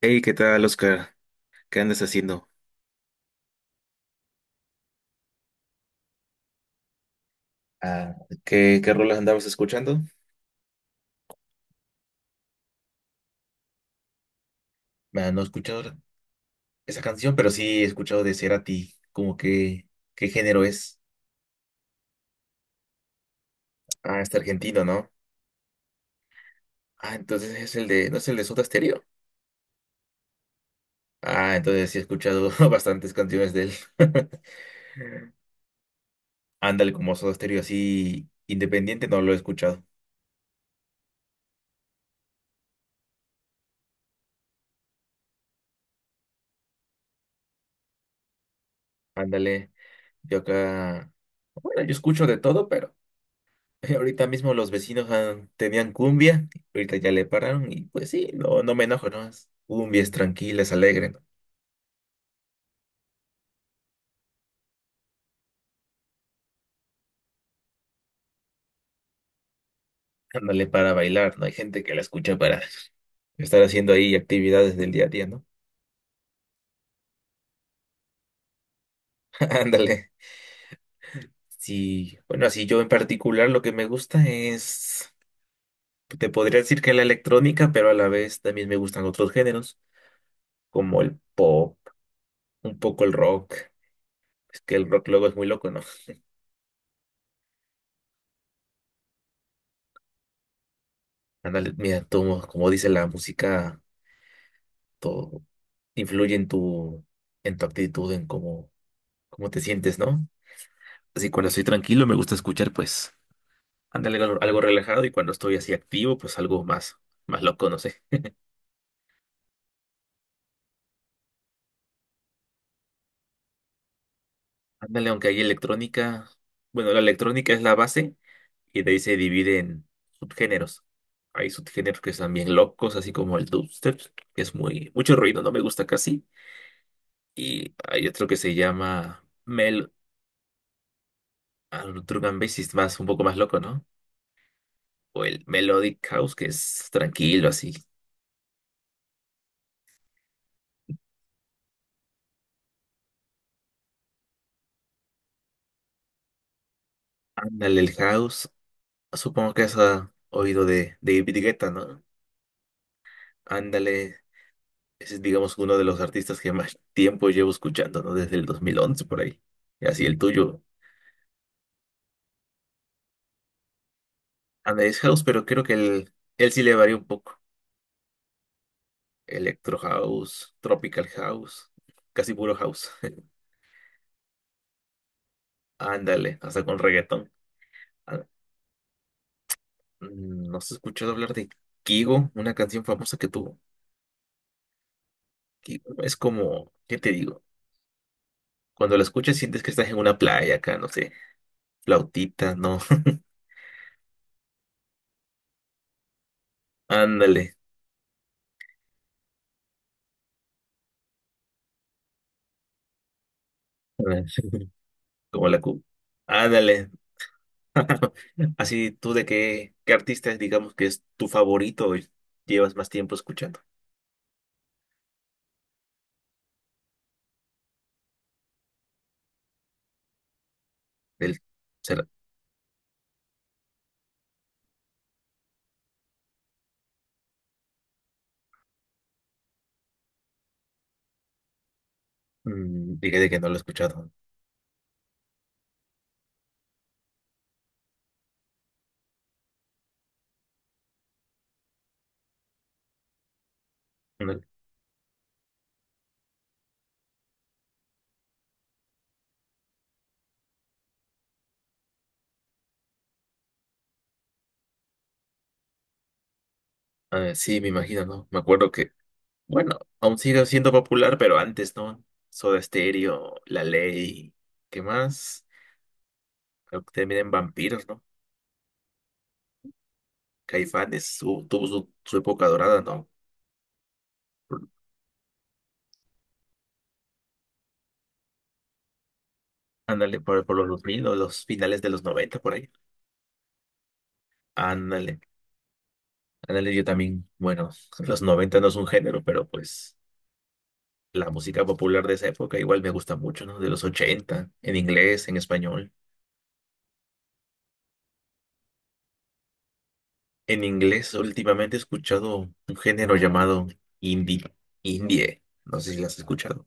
Hey, ¿qué tal, Oscar? ¿Qué andas haciendo? Ah, ¿qué rolas andabas escuchando? Ah, no he escuchado esa canción, pero sí he escuchado de Cerati. Como que, ¿qué género es? Ah, está argentino, ¿no? Ah, entonces es el de, ¿no es el de Soda Stereo? Ah, entonces sí he escuchado bastantes canciones de él. Ándale, como Soda Stereo, así independiente no lo he escuchado. Ándale, yo acá, bueno, yo escucho de todo, pero ahorita mismo los vecinos tenían cumbia, ahorita ya le pararon y pues sí, no, no me enojo, ¿no? Es cumbia, es alegre, ¿no? Ándale, para bailar, ¿no? Hay gente que la escucha para estar haciendo ahí actividades del día a día, ¿no? Ándale. Sí, bueno, así yo en particular lo que me gusta es, te podría decir que la electrónica, pero a la vez también me gustan otros géneros, como el pop, un poco el rock. Es que el rock luego es muy loco, ¿no? Ándale, mira, como, dice la música, todo influye en tu, actitud, en cómo, te sientes, ¿no? Así cuando estoy tranquilo me gusta escuchar, pues, ándale algo, relajado, y cuando estoy así activo, pues algo más, loco, no sé. Ándale, aunque hay electrónica, bueno, la electrónica es la base y de ahí se divide en subgéneros. Hay subgéneros que están bien locos, así como el dubstep, que es mucho ruido, no me gusta casi. Y hay otro que se llama drum and bass, y un poco más loco, ¿no? O el Melodic House, que es tranquilo, así. Ándale, el House. Supongo que has oído de David Guetta, ¿no? Ándale. Ese es, digamos, uno de los artistas que más tiempo llevo escuchando, ¿no? Desde el 2011 por ahí. Y así el tuyo. Ándale, es House, pero creo que él sí le varía un poco. Electro House, Tropical House, casi puro House. Ándale, hasta con reggaetón. Ah, ¿no has escuchado hablar de Kigo? Una canción famosa que tuvo. Kigo es como, ¿qué te digo? Cuando lo escuchas sientes que estás en una playa acá, no sé, flautita, no. Ándale. Como la cu. Ándale. Así, ¿tú de qué, artista, digamos, que es tu favorito y llevas más tiempo escuchando? Él, será, dije de que no lo he escuchado. Ándale. Ah, sí, me imagino, ¿no? Me acuerdo que, bueno, aún sigue siendo popular, pero antes, ¿no? Soda Stereo, La Ley, ¿qué más? Creo que también en Vampiros, ¿no? Caifanes tuvo su época dorada, ¿no? Ándale, por los 2000 o los finales de los 90 por ahí. Ándale, ándale, yo también, bueno, los 90 no es un género, pero pues la música popular de esa época igual me gusta mucho, ¿no? De los 80 en inglés, en español. En inglés últimamente he escuchado un género llamado indie, indie, no sé si lo has escuchado.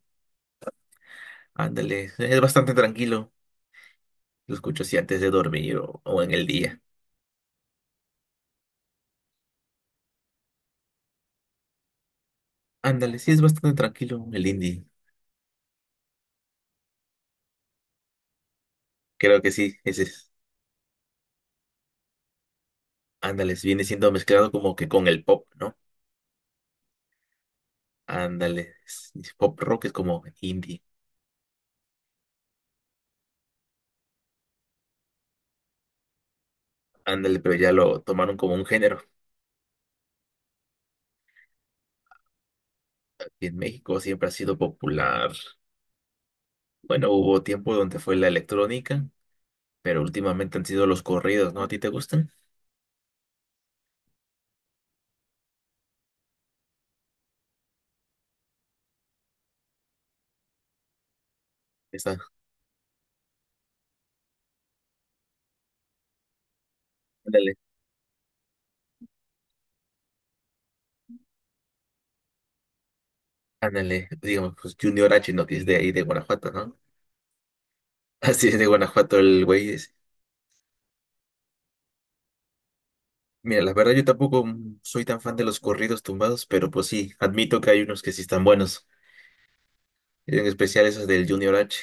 Ándale, es bastante tranquilo, lo escucho así antes de dormir o en el día. Ándale, sí es bastante tranquilo el indie, creo que sí, ese es. Ándales, viene siendo mezclado como que con el pop, ¿no? Ándale, es pop rock, es como indie. Ándale, pero ya lo tomaron como un género. Aquí en México siempre ha sido popular. Bueno, hubo tiempo donde fue la electrónica, pero últimamente han sido los corridos, ¿no? ¿A ti te gustan? Esa, ándale, ándale, digamos, pues Junior H, ¿no? Que es de ahí, de Guanajuato, ¿no? Así es, de Guanajuato el güey es. Mira, la verdad yo tampoco soy tan fan de los corridos tumbados, pero pues sí, admito que hay unos que sí están buenos, en especial esos del Junior H.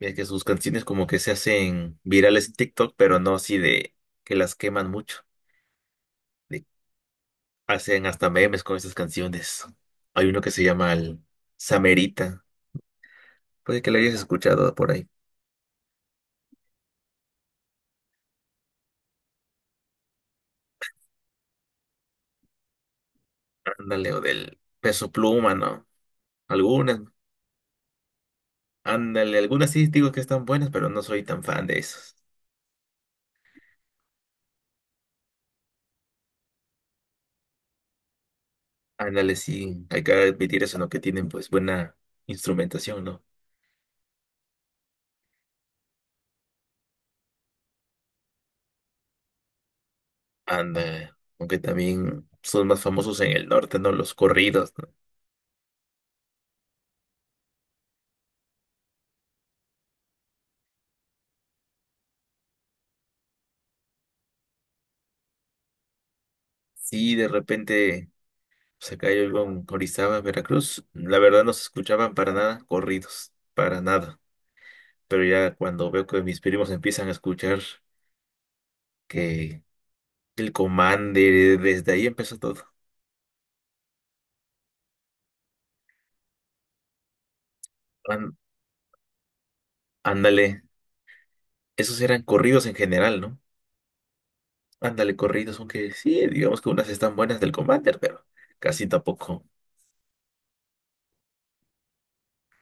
Ya que sus canciones como que se hacen virales en TikTok, pero no así de que las queman mucho. De- Hacen hasta memes con esas canciones. Hay uno que se llama el Samerita. Puede que lo hayas escuchado por ahí. Ándale, o del Peso Pluma, ¿no? Algunas. Ándale, algunas sí digo que están buenas, pero no soy tan fan de esas. Ándale, sí, hay que admitir eso, ¿no? Que tienen pues buena instrumentación, ¿no? Ándale, aunque también son más famosos en el norte, ¿no? Los corridos, ¿no? Sí, de repente se cayó con Orizaba, Veracruz. La verdad no se escuchaban para nada corridos, para nada. Pero ya cuando veo que mis primos empiezan a escuchar que el Commander, desde ahí empezó todo. Án- Ándale, esos eran corridos en general, ¿no? Ándale, corridos, aunque sí, digamos que unas están buenas del Commander, pero casi tampoco.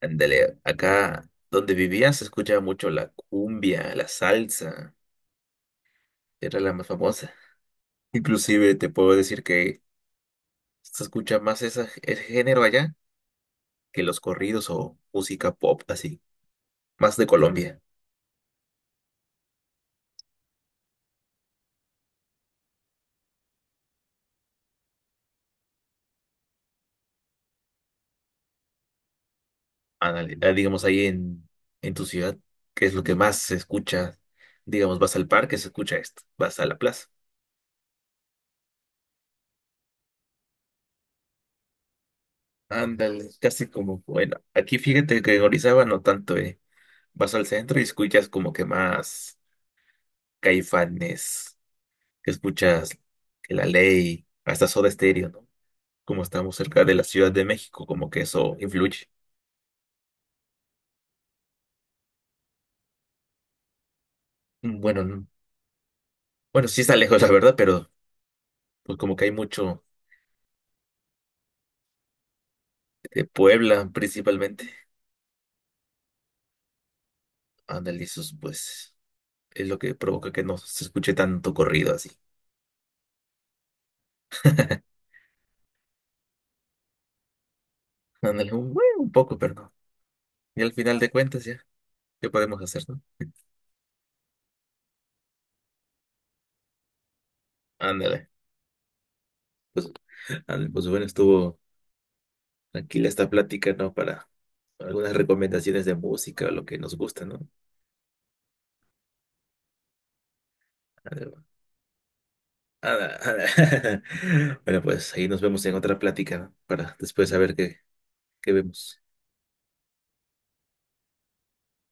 Ándale, acá donde vivía se escuchaba mucho la cumbia, la salsa, era la más famosa. Inclusive te puedo decir que se escucha más ese género allá que los corridos o música pop, así, más de Colombia. Ándale, digamos ahí en, tu ciudad, ¿qué es lo que más se escucha? Digamos, vas al parque, se escucha esto, vas a la plaza. Ándale, casi como, bueno, aquí fíjate que en Orizaba no tanto, eh. Vas al centro y escuchas como que más Caifanes, que escuchas que La Ley, hasta Soda Stereo, ¿no? Como estamos cerca de la Ciudad de México, como que eso influye. Bueno, bueno, sí está lejos, la verdad, pero pues como que hay mucho de Puebla principalmente. Ándale, eso es, pues es lo que provoca que no se escuche tanto corrido así. Ándale, un, bueno, un poco, pero no. Y al final de cuentas ya, ¿qué podemos hacer, no? Ándale. Pues, ándale, pues bueno, estuvo tranquila esta plática, ¿no? Para algunas recomendaciones de música, lo que nos gusta, ¿no? Ándale, ándale, ándale. Bueno, pues ahí nos vemos en otra plática, ¿no? Para después saber qué, vemos.